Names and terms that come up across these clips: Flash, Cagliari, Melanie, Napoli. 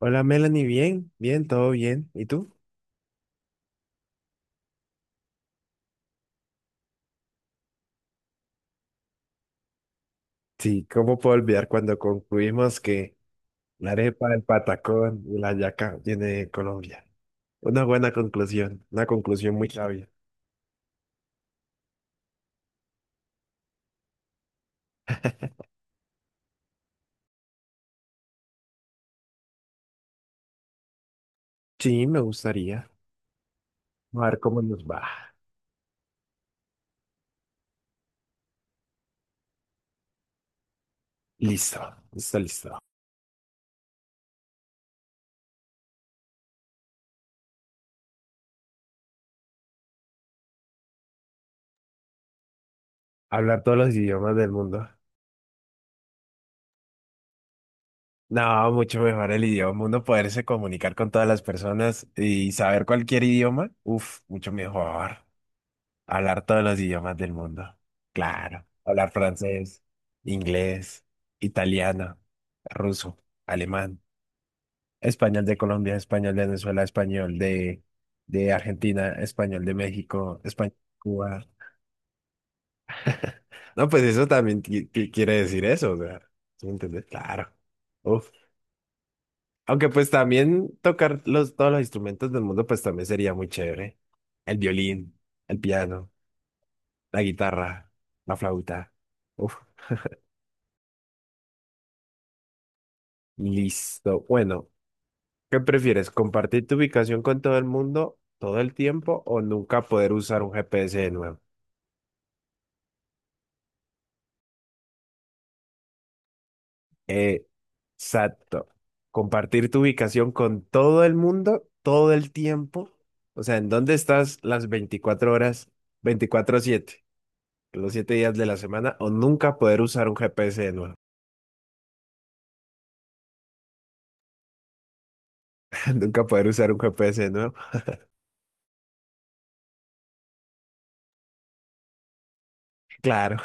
Hola Melanie, bien, bien, todo bien. ¿Y tú? Sí, ¿cómo puedo olvidar cuando concluimos que la arepa, el patacón y la yaca viene de Colombia? Una buena conclusión, una conclusión muy sabia. Sí, me gustaría. A ver cómo nos va. Listo, listo, listo. Hablar todos los idiomas del mundo. No, mucho mejor el idioma. Uno poderse comunicar con todas las personas y saber cualquier idioma. Uf, mucho mejor. Hablar todos los idiomas del mundo. Claro. Hablar francés, inglés, italiano, ruso, alemán, español de Colombia, español de Venezuela, español de Argentina, español de México, español de Cuba. No, pues eso también quiere decir eso, o sea, ¿sí me entiendes? Claro. Uf. Aunque pues también tocar todos los instrumentos del mundo pues también sería muy chévere. El violín, el piano, la guitarra, la flauta. Uf. Listo. Bueno, ¿qué prefieres? ¿Compartir tu ubicación con todo el mundo todo el tiempo o nunca poder usar un GPS de nuevo? Exacto. Compartir tu ubicación con todo el mundo todo el tiempo. O sea, ¿en dónde estás las 24 horas, 24/7, los 7 días de la semana? O nunca poder usar un GPS de nuevo. Nunca poder usar un GPS de nuevo. Claro.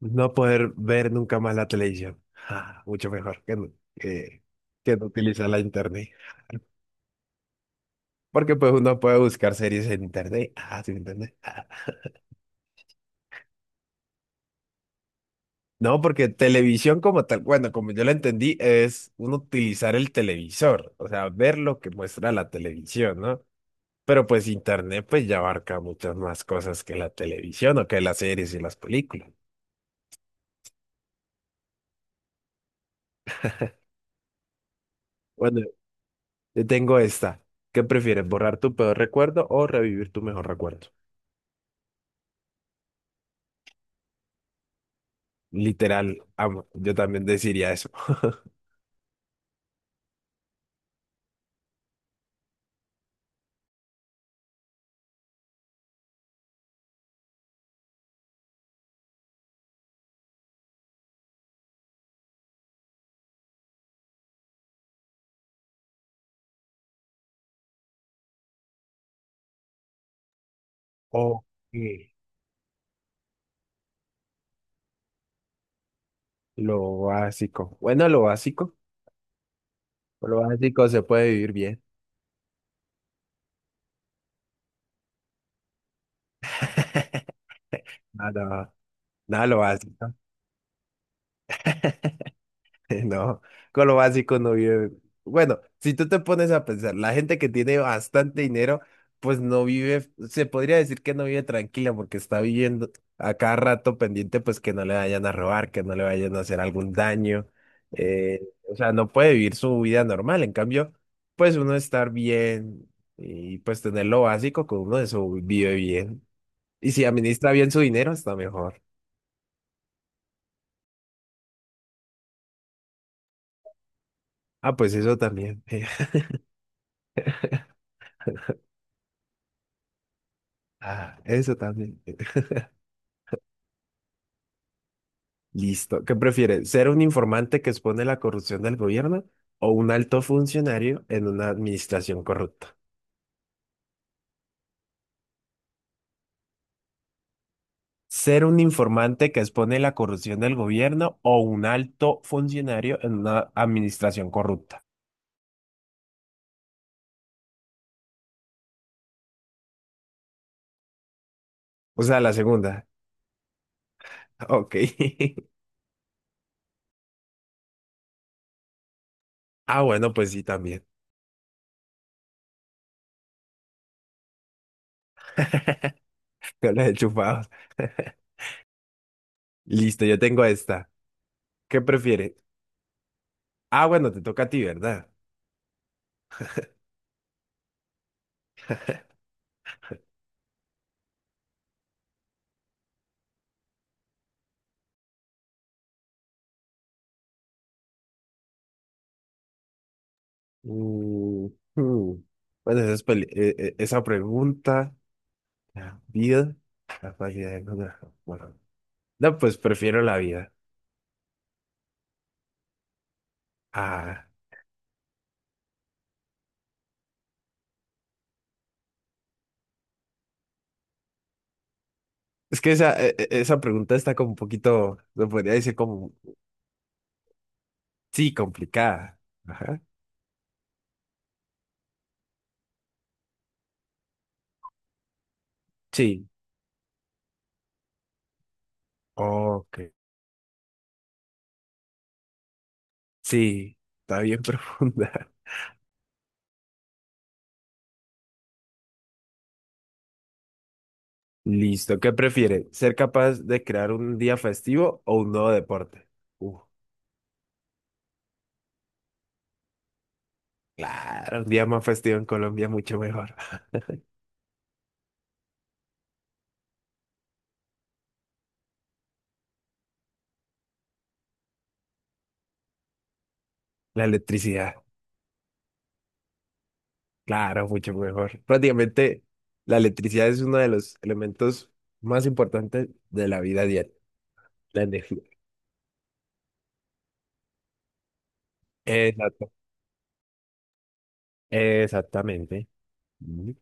No poder ver nunca más la televisión. Ah, mucho mejor que, que, que no utilizar la internet. Porque pues uno puede buscar series en internet. Ah, sí, internet. Ah. No, porque televisión como tal, bueno, como yo la entendí, es uno utilizar el televisor, o sea, ver lo que muestra la televisión, ¿no? Pero pues internet pues ya abarca muchas más cosas que la televisión o que las series y las películas. Bueno, te tengo esta. ¿Qué prefieres, borrar tu peor recuerdo o revivir tu mejor recuerdo? Literal, amo. Yo también deciría eso. Ok, lo básico. Bueno, lo básico. Lo básico se puede vivir bien. Nada, nada, lo básico. No, con lo básico no vive. Bueno, si tú te pones a pensar, la gente que tiene bastante dinero, pues no vive, se podría decir que no vive tranquila porque está viviendo a cada rato pendiente, pues que no le vayan a robar, que no le vayan a hacer algún daño. eh, o sea, no puede vivir su vida normal. En cambio, pues uno estar bien y pues tener lo básico, con uno eso vive bien. Y si administra bien su dinero, está mejor. Ah, pues eso también. Ah, eso también. Listo. ¿Qué prefieres? ¿Ser un informante que expone la corrupción del gobierno o un alto funcionario en una administración corrupta? ¿Ser un informante que expone la corrupción del gobierno o un alto funcionario en una administración corrupta? O sea, la segunda. Ok. Ah, bueno, pues sí, también. Yo la he chupado. Listo, yo tengo esta. ¿Qué prefieres? Ah, bueno, te toca a ti, ¿verdad? Mm, hmm. Bueno, esa, esa pregunta. La vida, la calidad de lograr. Bueno, no, pues prefiero la vida. Ah, es que esa, esa pregunta está como un poquito, se podría decir como, sí, complicada. Ajá. Sí. Ok. Sí, está bien profunda. Listo, ¿qué prefiere? ¿Ser capaz de crear un día festivo o un nuevo deporte? Uh, claro, un día más festivo en Colombia, mucho mejor. La electricidad. Claro, mucho mejor. Prácticamente la electricidad es uno de los elementos más importantes de la vida diaria, la energía. Exacto. Exactamente. Mm.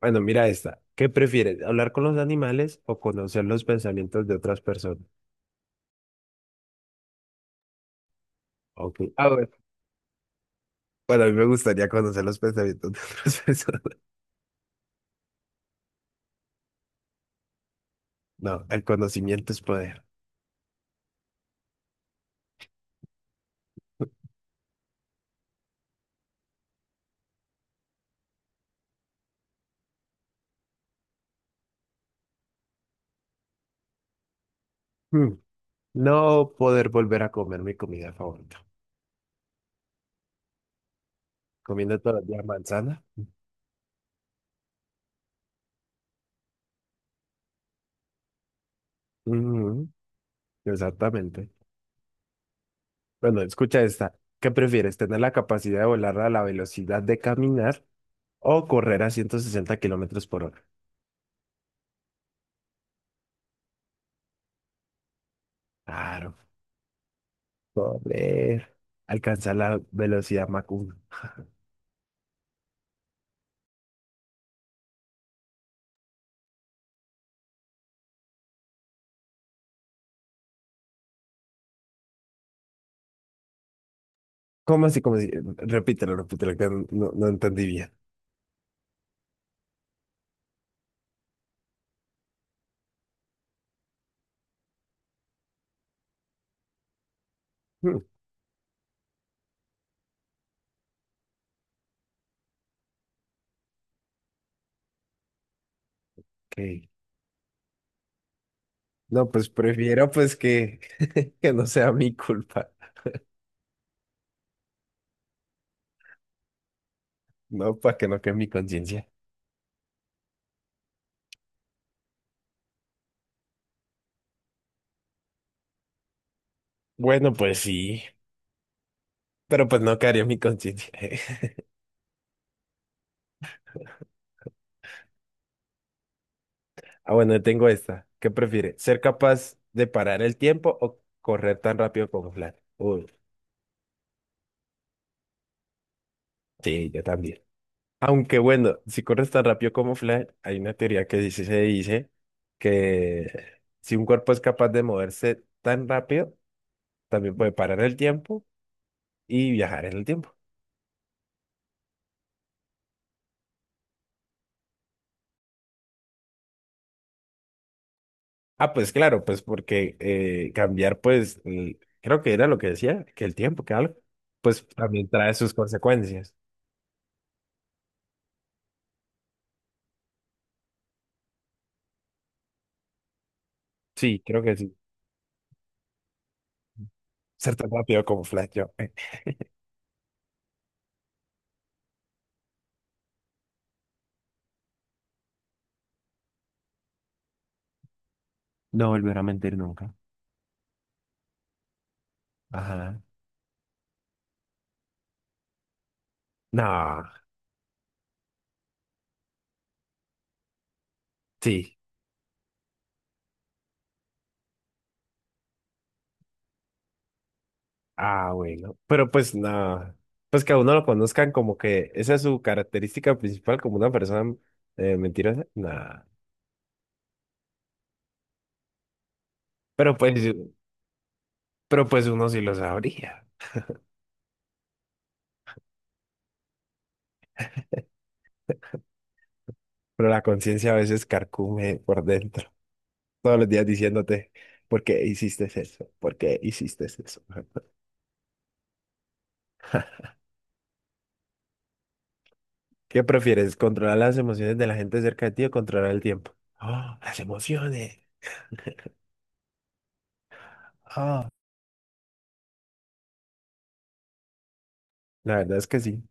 Bueno, mira esta. ¿Qué prefieres, hablar con los animales o conocer los pensamientos de otras personas? Ok. Ah, bueno. Bueno, a mí me gustaría conocer los pensamientos de otras personas. No, el conocimiento es poder. Mm. No poder volver a comer mi comida favorita. Comiendo todos los días manzana. Mm, exactamente. Bueno, escucha esta. ¿Qué prefieres, tener la capacidad de volar a la velocidad de caminar o correr a 160 kilómetros por hora? Claro, correr. Alcanzar la velocidad Mach 1. ¿Cómo así? ¿Cómo así? Repítelo, repítelo, que no, no entendí bien. Hmm. Ok. No, pues prefiero pues que, que no sea mi culpa. No, para que no quede mi conciencia. Bueno, pues sí, pero pues no quedaría mi conciencia. Ah, bueno, tengo esta. ¿Qué prefiere? ¿Ser capaz de parar el tiempo o correr tan rápido como Flash? Uy, sí, yo también. Aunque bueno, si corres tan rápido como Flash, hay una teoría que dice, se dice que si un cuerpo es capaz de moverse tan rápido, también puede parar el tiempo y viajar en el tiempo. Ah, pues claro, pues porque cambiar, pues, creo que era lo que decía, que el tiempo, que algo, pues también trae sus consecuencias. Sí, creo que sí. Ser tan rápido como Flash, yo. No volver a mentir nunca. Ajá. No, sí. Ah, bueno. Pero pues nada. Pues que a uno lo conozcan como que esa es su característica principal como una persona mentirosa. Nada. Pero pues, pero pues uno sí lo sabría. Pero la conciencia a veces carcome por dentro. Todos los días diciéndote, ¿por qué hiciste eso? ¿Por qué hiciste eso? ¿Qué prefieres? ¿Controlar las emociones de la gente cerca de ti o controlar el tiempo? Ah, las emociones. Ah, la verdad es que sí.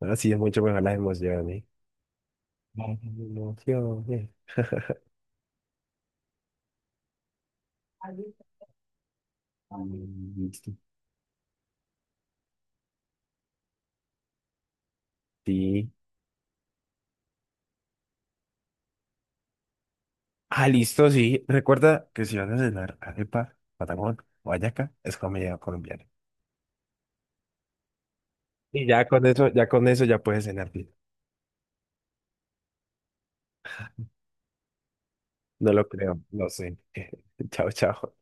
Ahora sí es mucho mejor las emociones. Las emociones. Mm, listo. Sí. Ah, listo, sí. Recuerda que si vas a cenar arepa, patagón o hallaca, es comida colombiana. Y ya con eso, ya con eso ya puedes cenar bien. No lo creo, no sé. Chao, chao.